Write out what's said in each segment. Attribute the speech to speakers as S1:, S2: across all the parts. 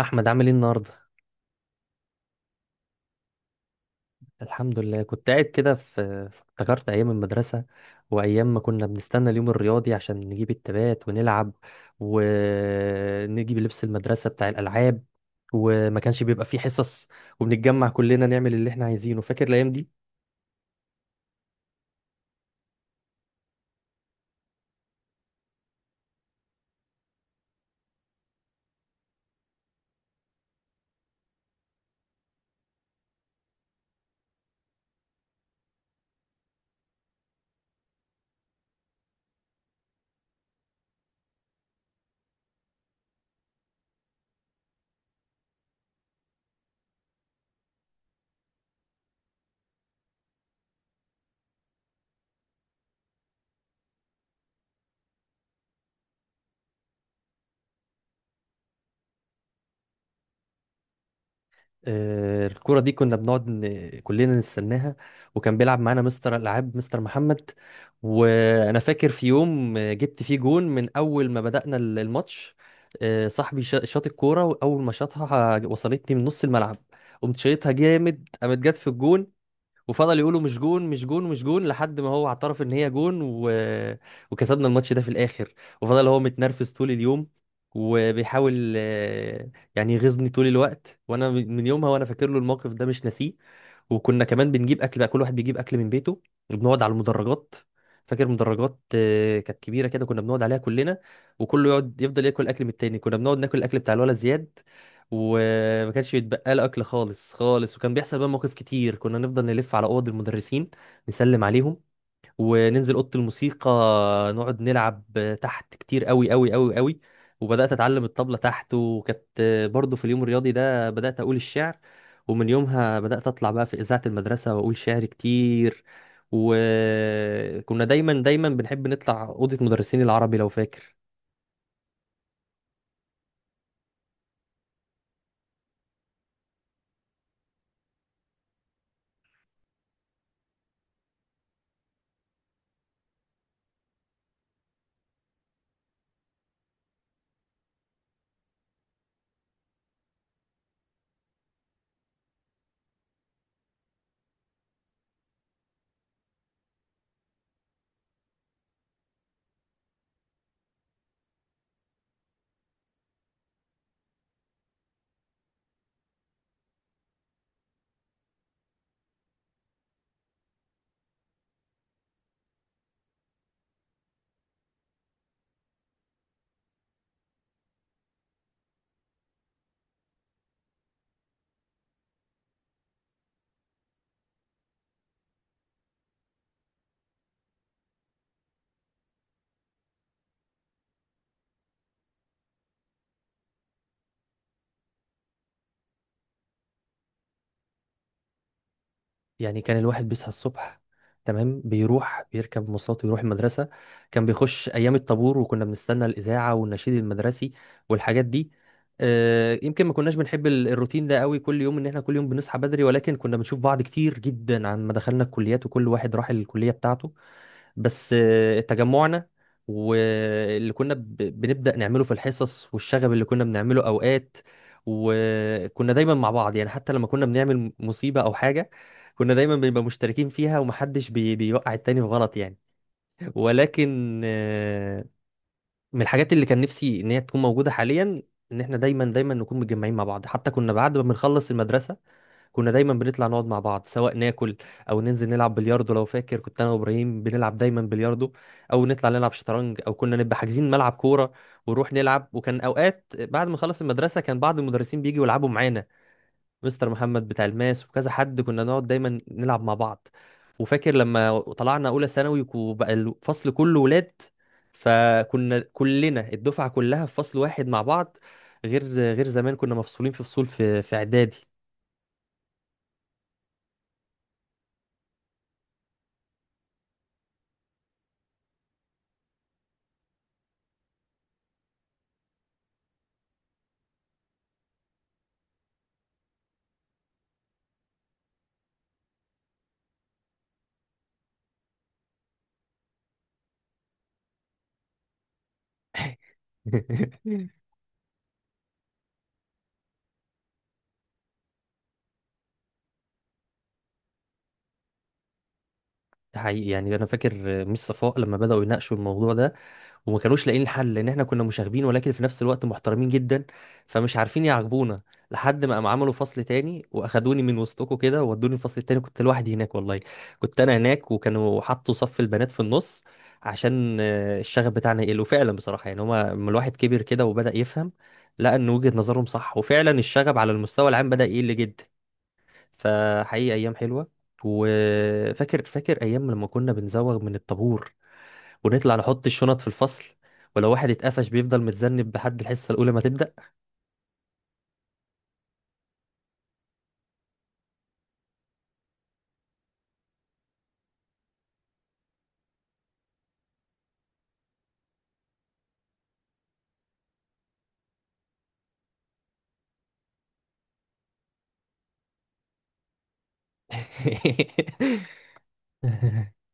S1: احمد، عامل ايه النهارده؟ الحمد لله. كنت قاعد كده افتكرت ايام المدرسه، وايام ما كنا بنستنى اليوم الرياضي عشان نجيب التبات ونلعب، ونجيب لبس المدرسه بتاع الالعاب، وما كانش بيبقى فيه حصص، وبنتجمع كلنا نعمل اللي احنا عايزينه. فاكر الايام دي؟ الكرة دي كنا بنقعد كلنا نستناها، وكان بيلعب معانا مستر الألعاب مستر محمد. وأنا فاكر في يوم جبت فيه جون من أول ما بدأنا الماتش. صاحبي شاط الكورة، وأول ما شاطها وصلتني من نص الملعب، قمت شايطها جامد، قامت جت في الجون. وفضل يقولوا مش جون مش جون مش جون لحد ما هو اعترف ان هي جون، وكسبنا الماتش ده في الاخر. وفضل هو متنرفز طول اليوم، وبيحاول يعني يغيظني طول الوقت. وانا من يومها وانا فاكر له الموقف ده، مش ناسيه. وكنا كمان بنجيب اكل بقى، كل واحد بيجيب اكل من بيته، وبنقعد على المدرجات. فاكر مدرجات كانت كبيره كده، كنا بنقعد عليها كلنا، وكله يقعد يفضل ياكل اكل من التاني. كنا بنقعد ناكل الاكل بتاع الولد زياد، وما كانش بيتبقى له اكل خالص. وكان بيحصل بقى مواقف كتير. كنا نفضل نلف على اوض المدرسين، نسلم عليهم، وننزل اوضه الموسيقى نقعد نلعب تحت كتير قوي قوي قوي قوي. وبدات اتعلم الطبله تحت، وكانت برضو في اليوم الرياضي ده بدات اقول الشعر. ومن يومها بدات اطلع بقى في اذاعه المدرسه واقول شعر كتير. وكنا دايما بنحب نطلع اوضه مدرسين العربي لو فاكر. يعني كان الواحد بيصحى الصبح، تمام، بيروح بيركب مواصلات ويروح المدرسة. كان بيخش أيام الطابور، وكنا بنستنى الإذاعة والنشيد المدرسي والحاجات دي. يمكن ما كناش بنحب الروتين ده قوي كل يوم، ان احنا كل يوم بنصحى بدري، ولكن كنا بنشوف بعض كتير جدا عن ما دخلنا الكليات وكل واحد راح الكلية بتاعته. بس تجمعنا واللي كنا بنبدأ نعمله في الحصص، والشغب اللي كنا بنعمله أوقات، وكنا دايما مع بعض. يعني حتى لما كنا بنعمل مصيبة أو حاجة، كنا دايما بنبقى مشتركين فيها، ومحدش بيوقع التاني في غلط يعني. ولكن من الحاجات اللي كان نفسي إن هي تكون موجودة حاليا، إن إحنا دايما نكون متجمعين مع بعض. حتى كنا بعد ما بنخلص المدرسة، كنا دايما بنطلع نقعد مع بعض، سواء ناكل، او ننزل نلعب بلياردو. لو فاكر، كنت انا وابراهيم بنلعب دايما بلياردو، او نطلع نلعب شطرنج، او كنا نبقى حاجزين ملعب كوره ونروح نلعب. وكان اوقات بعد ما خلص المدرسه كان بعض المدرسين بيجوا يلعبوا معانا، مستر محمد بتاع الماس وكذا حد، كنا نقعد دايما نلعب مع بعض. وفاكر لما طلعنا اولى ثانوي وبقى الفصل كله ولاد، فكنا كلنا الدفعه كلها في فصل واحد مع بعض، غير زمان كنا مفصولين في فصول في اعدادي. ده حقيقي. يعني انا فاكر ميس صفاء لما بداوا يناقشوا الموضوع ده، وما كانوش لاقيين الحل، لان احنا كنا مشاغبين ولكن في نفس الوقت محترمين جدا، فمش عارفين يعاقبونا. لحد ما قام عملوا فصل تاني واخدوني من وسطكم كده وودوني الفصل التاني. كنت لوحدي هناك والله، كنت انا هناك، وكانوا حطوا صف البنات في النص، عشان الشغف بتاعنا يقل. وفعلا بصراحه يعني هما، لما الواحد كبر كده وبدا يفهم، لقى ان وجهه نظرهم صح، وفعلا الشغب على المستوى العام بدا يقل جدا. فحقيقي ايام حلوه. وفاكر، ايام لما كنا بنزوغ من الطابور ونطلع نحط الشنط في الفصل، ولو واحد اتقفش بيفضل متذنب لحد الحصه الاولى ما تبدا.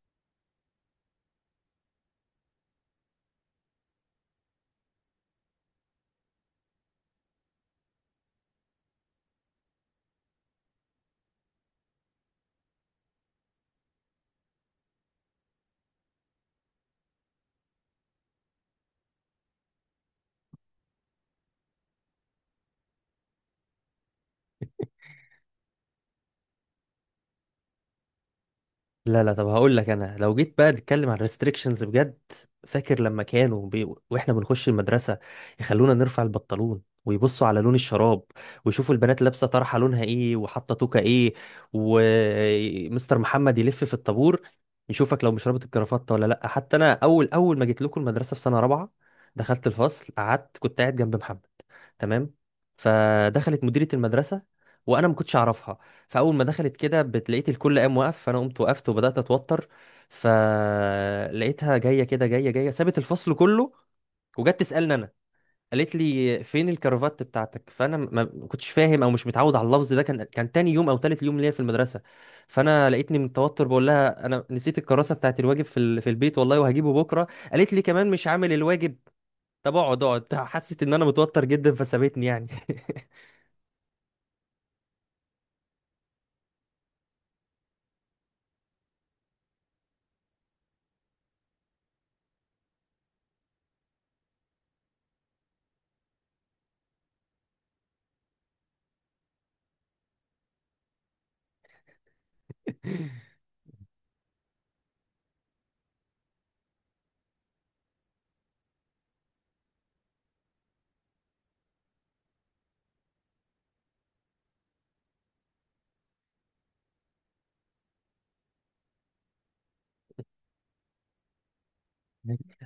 S1: لا طب هقول لك، انا لو جيت بقى نتكلم عن ريستريكشنز بجد، فاكر لما واحنا بنخش المدرسه، يخلونا نرفع البنطلون ويبصوا على لون الشراب، ويشوفوا البنات لابسه طرحه لونها ايه وحاطه توكه ايه. ومستر محمد يلف في الطابور يشوفك لو مش رابط الكرافته ولا لا. حتى انا اول ما جيت لكم المدرسه في سنه رابعه، دخلت الفصل قعدت، كنت قاعد جنب محمد، تمام. فدخلت مديره المدرسه وانا ما كنتش اعرفها، فاول ما دخلت كده لقيت الكل قام وقف، فانا قمت وقفت وبدات اتوتر. فلقيتها جايه كده، جايه سابت الفصل كله وجت تسالني انا. قالت لي فين الكرافات بتاعتك؟ فانا ما كنتش فاهم او مش متعود على اللفظ ده، كان تاني يوم او تالت يوم ليا في المدرسه. فانا لقيتني من التوتر بقول لها انا نسيت الكراسه بتاعت الواجب في في البيت والله، وهجيبه بكره. قالت لي كمان مش عامل الواجب؟ طب اقعد. حست ان انا متوتر جدا فسابتني يعني.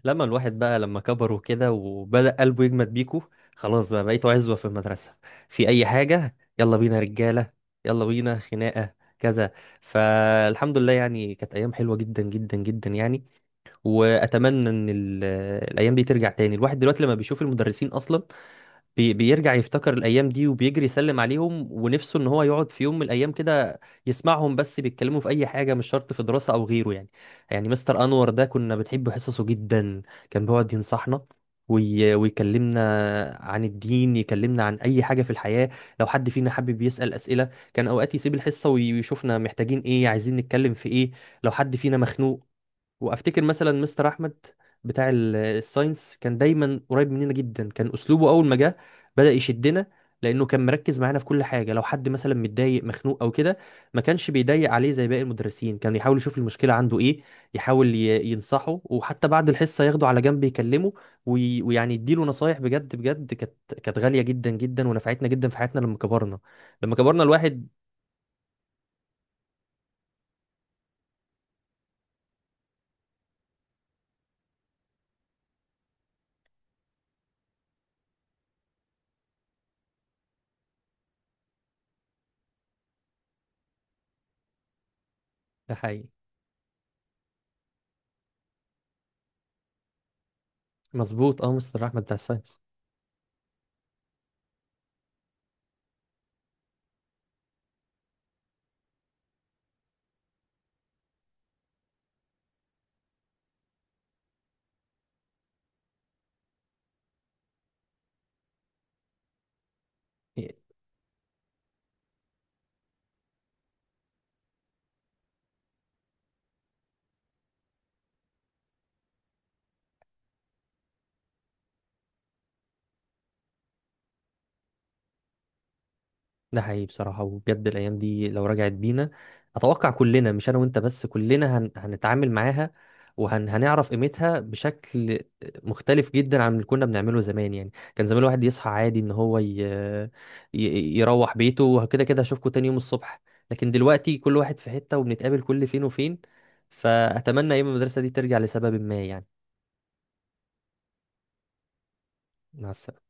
S1: لما الواحد بقى لما كبر وكده وبدأ قلبه يجمد بيكو، خلاص بقى بقيتوا عزوة في المدرسة، في أي حاجة يلا بينا رجالة، يلا بينا خناقة كذا. فالحمد لله يعني كانت أيام حلوة جدا جدا جدا يعني. وأتمنى إن الأيام دي ترجع تاني. الواحد دلوقتي لما بيشوف المدرسين أصلا، بيرجع يفتكر الأيام دي، وبيجري يسلم عليهم، ونفسه إن هو يقعد في يوم من الأيام كده يسمعهم بس بيتكلموا في أي حاجة، مش شرط في دراسة أو غيره يعني. يعني مستر أنور ده كنا بنحب حصصه جدا، كان بيقعد ينصحنا ويكلمنا عن الدين، يكلمنا عن أي حاجة في الحياة. لو حد فينا حابب يسأل أسئلة، كان أوقات يسيب الحصة ويشوفنا محتاجين إيه، عايزين نتكلم في إيه، لو حد فينا مخنوق. وافتكر مثلا مستر احمد بتاع الساينس، كان دايما قريب مننا جدا. كان اسلوبه اول ما جه بدأ يشدنا، لانه كان مركز معانا في كل حاجه. لو حد مثلا متضايق مخنوق او كده، ما كانش بيضايق عليه زي باقي المدرسين، كان يحاول يشوف المشكله عنده ايه، يحاول ينصحه، وحتى بعد الحصه ياخده على جنب يكلمه ويعني يديله نصايح بجد. كانت غاليه جدا جدا ونفعتنا جدا في حياتنا لما كبرنا. لما كبرنا الواحد ده حقيقي. مظبوط، اه مستر احمد بتاع الساينس. ده حقيقي بصراحة، وبجد الأيام دي لو رجعت بينا، أتوقع كلنا مش أنا وأنت بس، كلنا هنتعامل معاها، وهنعرف قيمتها بشكل مختلف جدا عن اللي كنا بنعمله زمان. يعني كان زمان الواحد يصحى عادي إن هو يروح بيته، وكده كده هشوفكوا تاني يوم الصبح. لكن دلوقتي كل واحد في حتة، وبنتقابل كل فين وفين. فأتمنى أيام المدرسة دي ترجع لسبب ما يعني. مع السلامة.